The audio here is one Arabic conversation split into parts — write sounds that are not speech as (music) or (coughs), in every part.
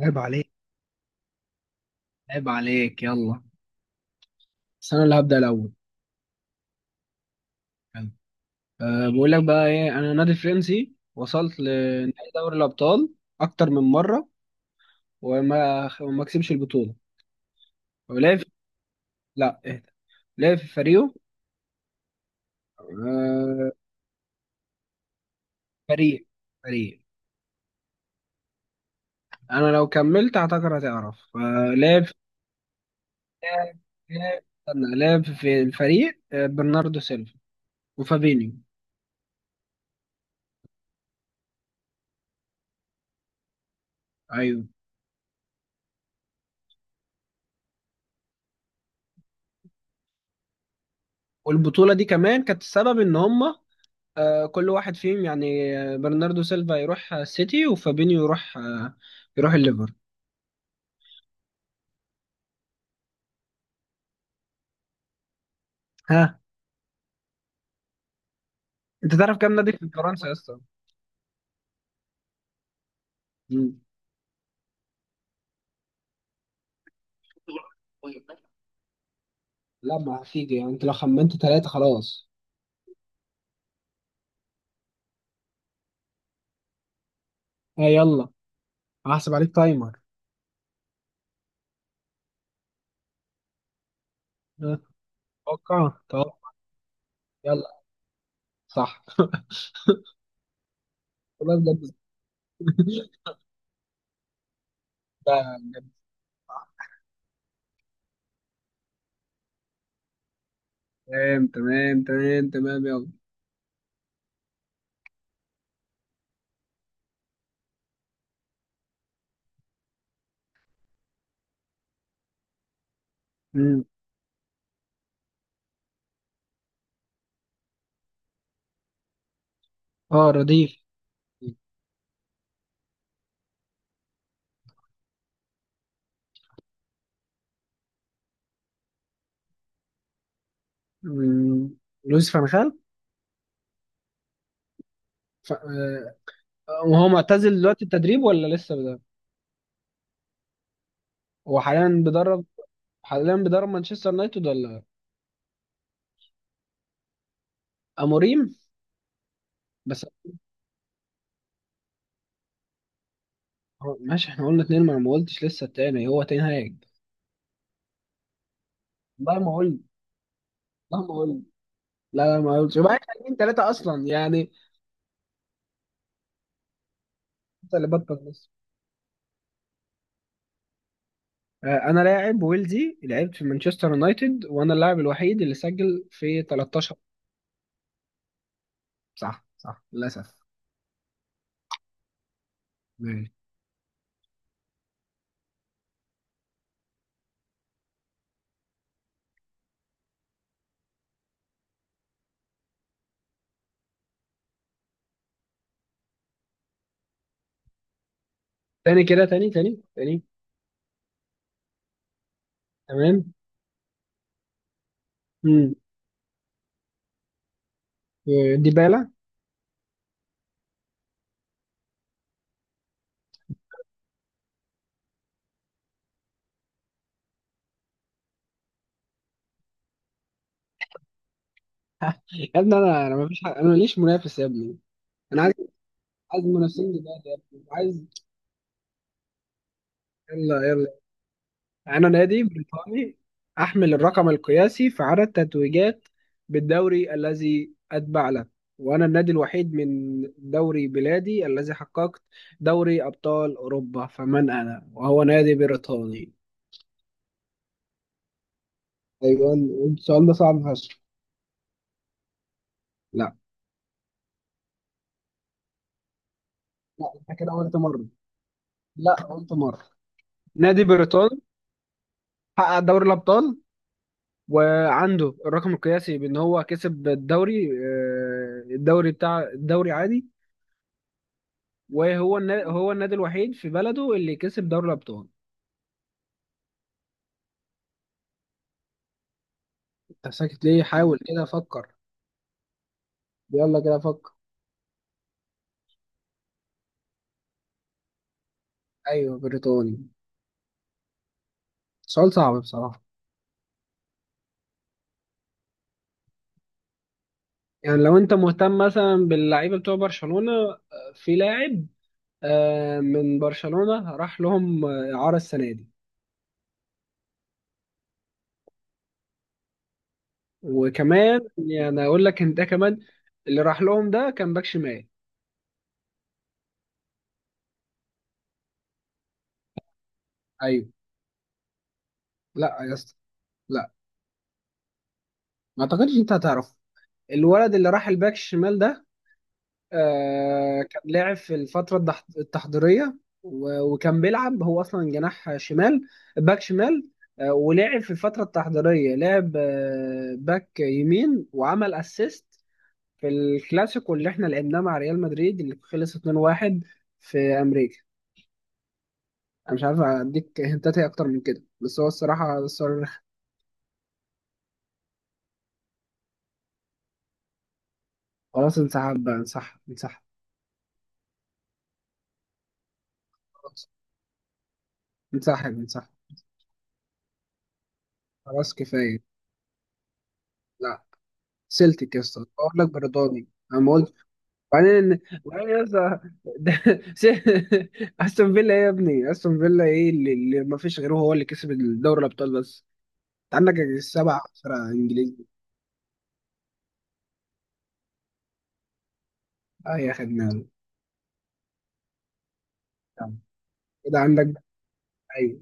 عيب عليك. عيب عليك، يلا. بس انا اللي هبدأ الاول. يلا. بقول لك بقى ايه، انا نادي فرنسي وصلت لنهائي دوري الابطال اكتر من مره، وما كسبش البطوله ولعب. لا، اهدى. لعب في فريقه. أه فريق فريق. انا لو كملت اعتقد هتعرف. لعب في- لعب لعب- استنى، لعب في الفريق، برناردو سيلفا وفابينيو. ايوه، والبطوله دي كمان كانت السبب ان هم كل واحد فيهم يعني، برناردو سيلفا يروح السيتي، وفابينيو يروح يروح الليفر. ها، انت تعرف كام نادي في فرنسا يا اسطى؟ مم. لا، ما هتيجي يعني، انت لو خمنت ثلاثة خلاص. ها يلا، هحسب عليك تايمر. ها، توقع توقع. يلا، صح. والله بجد. (laughs) تمام تمام تمام تمام، يلا. مم. اه، رديف. مم. لويس فان خال. ف... آه، وهو معتزل دلوقتي التدريب ولا لسه بدأ؟ هو حاليا بيدرب حاليا بيدرب مانشستر يونايتد ولا اموريم؟ بس ماشي، احنا قلنا اتنين، ما انا ما قلتش لسه التاني هو تنهاج. والله ما قلت. والله ما قلت. لا لا، ما قلتش، يبقى احنا اتنين تلاته اصلا يعني. انت اللي بطل بس. انا لاعب ويلزي، لعبت في مانشستر يونايتد، وانا اللاعب الوحيد اللي سجل في 13. صح صح، للاسف. ماشي. تاني كده، تاني تاني تاني. تمام. امم ديبالا. يا ابني، انا ما فيش حق. انا ماليش منافس يا ابني. انا عايز، عايز منافسين دلوقتي يا ابني، عايز. يلا يلا. أنا نادي بريطاني، أحمل الرقم القياسي في عدد تتويجات بالدوري الذي أتبع له، وأنا النادي الوحيد من دوري بلادي الذي حققت دوري أبطال أوروبا، فمن أنا؟ وهو نادي بريطاني. أيوة. السؤال ده صعب فشخ. لا. لا، أنت كده قلت مرة. لا، قلت مرة. نادي بريطاني حقق دوري الأبطال، وعنده الرقم القياسي بأن هو كسب الدوري، الدوري بتاع الدوري عادي. وهو النا... هو النادي الوحيد في بلده اللي كسب دوري الأبطال. أنت ساكت ليه؟ حاول كده فكر. يلا كده فكر. أيوه، بريطاني. سؤال صعب بصراحة. يعني لو أنت مهتم مثلا باللعيبة بتوع برشلونة، في لاعب، من برشلونة راح لهم إعارة السنة دي. وكمان يعني أقول لك أنت كمان، اللي راح لهم ده كان باك شمال. أيوه. لا يا اسطى. لا، ما أعتقدش أنت هتعرف. الولد اللي راح الباك الشمال ده، آه، كان لاعب في الفترة التحضيرية، و- وكان بيلعب، هو أصلا جناح شمال، باك شمال. ولعب في الفترة التحضيرية، لعب باك يمين وعمل أسيست في الكلاسيكو اللي احنا لعبناه مع ريال مدريد اللي خلص 2-1 في أمريكا. أنا مش عارف أديك هنتات إيه أكتر من كده، بس هو الصراحة الصراحة. (laughs) خلاص، انسحب بقى، انسحب انسحب. خلاص، انسحب انسحب. خلاص كفاية. لا، سلتك يا اسطى، أقول لك برداني. أنا ما قلت. وبعدين يا اسطى، ده- (laughs) س- استون فيلا ايه يا ابني؟ استون فيلا ايه اللي, اللي ما فيش غيره هو اللي كسب الدوري الابطال بس، انت عندك السبع فرق انجليزي. اه، يا خدنا كده عندك. ايوه،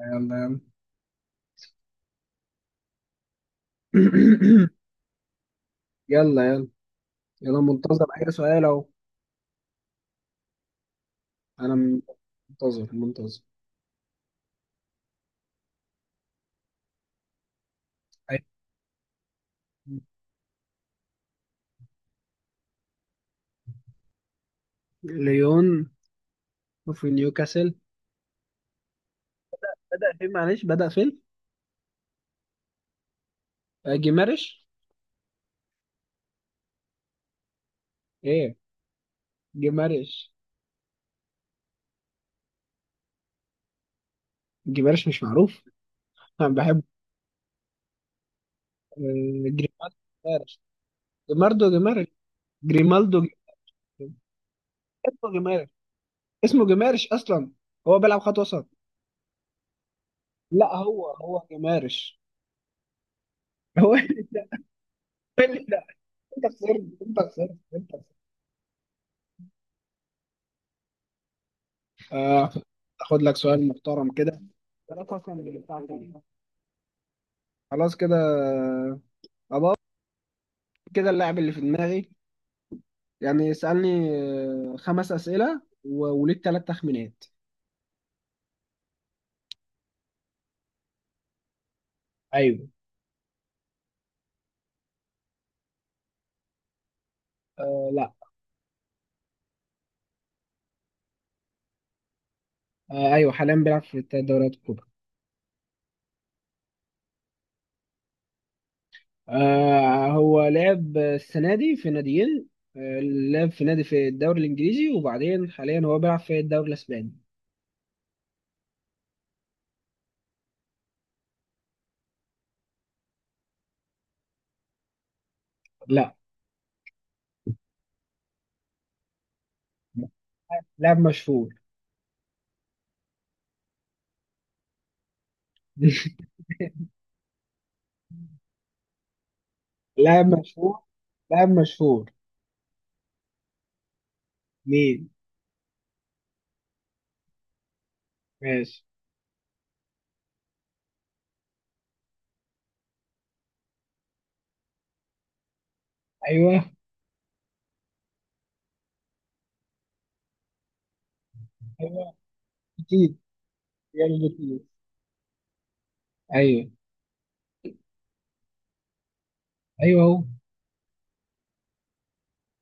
يلا يلا. (coughs) (clears throat) يلا يلا. يلا، منتظر اي سؤال اهو. انا م- منتظر منتظر. أيوة. ليون. في نيوكاسل. بدأ فين؟ معلش، بدأ فين؟ جيمارش. ايه؟ جيمارش. جيمارش مش معروف؟ انا بحبه. آه، جريمالدو جمارش. جماردو جمارش. جريمالدو جمارش. اسمه جمارش. اسمه جمارش اصلا، هو بيلعب خط وسط. لا، هو هو جمارش. (laughs) هو اللي- لا، انت خسرت، انت خسرت، انت خسرت. آه، اخد لك سؤال محترم كده. ثلاثة أصلاً اللي بتاعتك. خلاص كده، كده اللاعب اللي في دماغي، يعني اسألني خمس أسئلة و- وليك ثلاث تخمينات. ايوه. آه لا. آه ايوه، حاليا بيلعب في الثلاث دوريات الكبرى. آه، هو لعب السنة دي في ناديين. آه، لعب في نادي في الدوري الإنجليزي، وبعدين حاليا هو بيلعب في الدوري الإسباني. لا. لاعب مشهور. (laughs) لاعب مشهور. لاعب مشهور. مين؟ ماشي. أيوه أيوه. جديد؟ ريال جديد؟ أيوه. أيوه هو.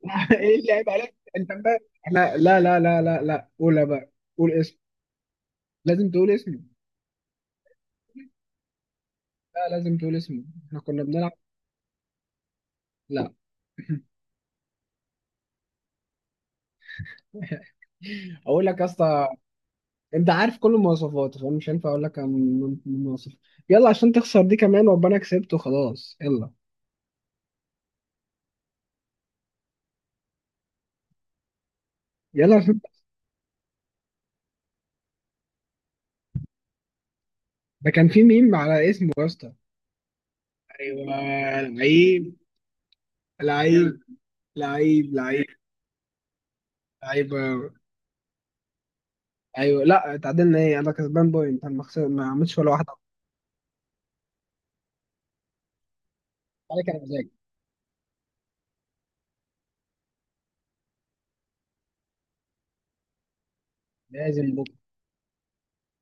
(laughs) إيه اللي عيب عليك أنت بقى؟ إحنا لا لا لا لا لا، قولها بقى، قول اسم. لازم تقول اسمه. لا، لازم تقول اسمه، إحنا كنا بنلعب. لا. (clears throat) اقول لك يا اسطى، انت عارف كل المواصفات، فانا مش هينفع اقول لك عن المواصفات. يلا عشان تخسر دي كمان، وابقى انا كسبت وخلاص، يلا. يلا عشان (laughs) ده كان في ميم على اسمه يا اسطى. ايوه. لعيب. لعيب لعيب. لعيب. لعيب. ايوه، لا اتعادلنا ايه، انا كسبان بوينت، انا ما عملتش ولا واحده. عليك انا مزاج. لازم بكره.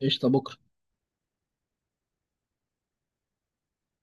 قشطه بكره.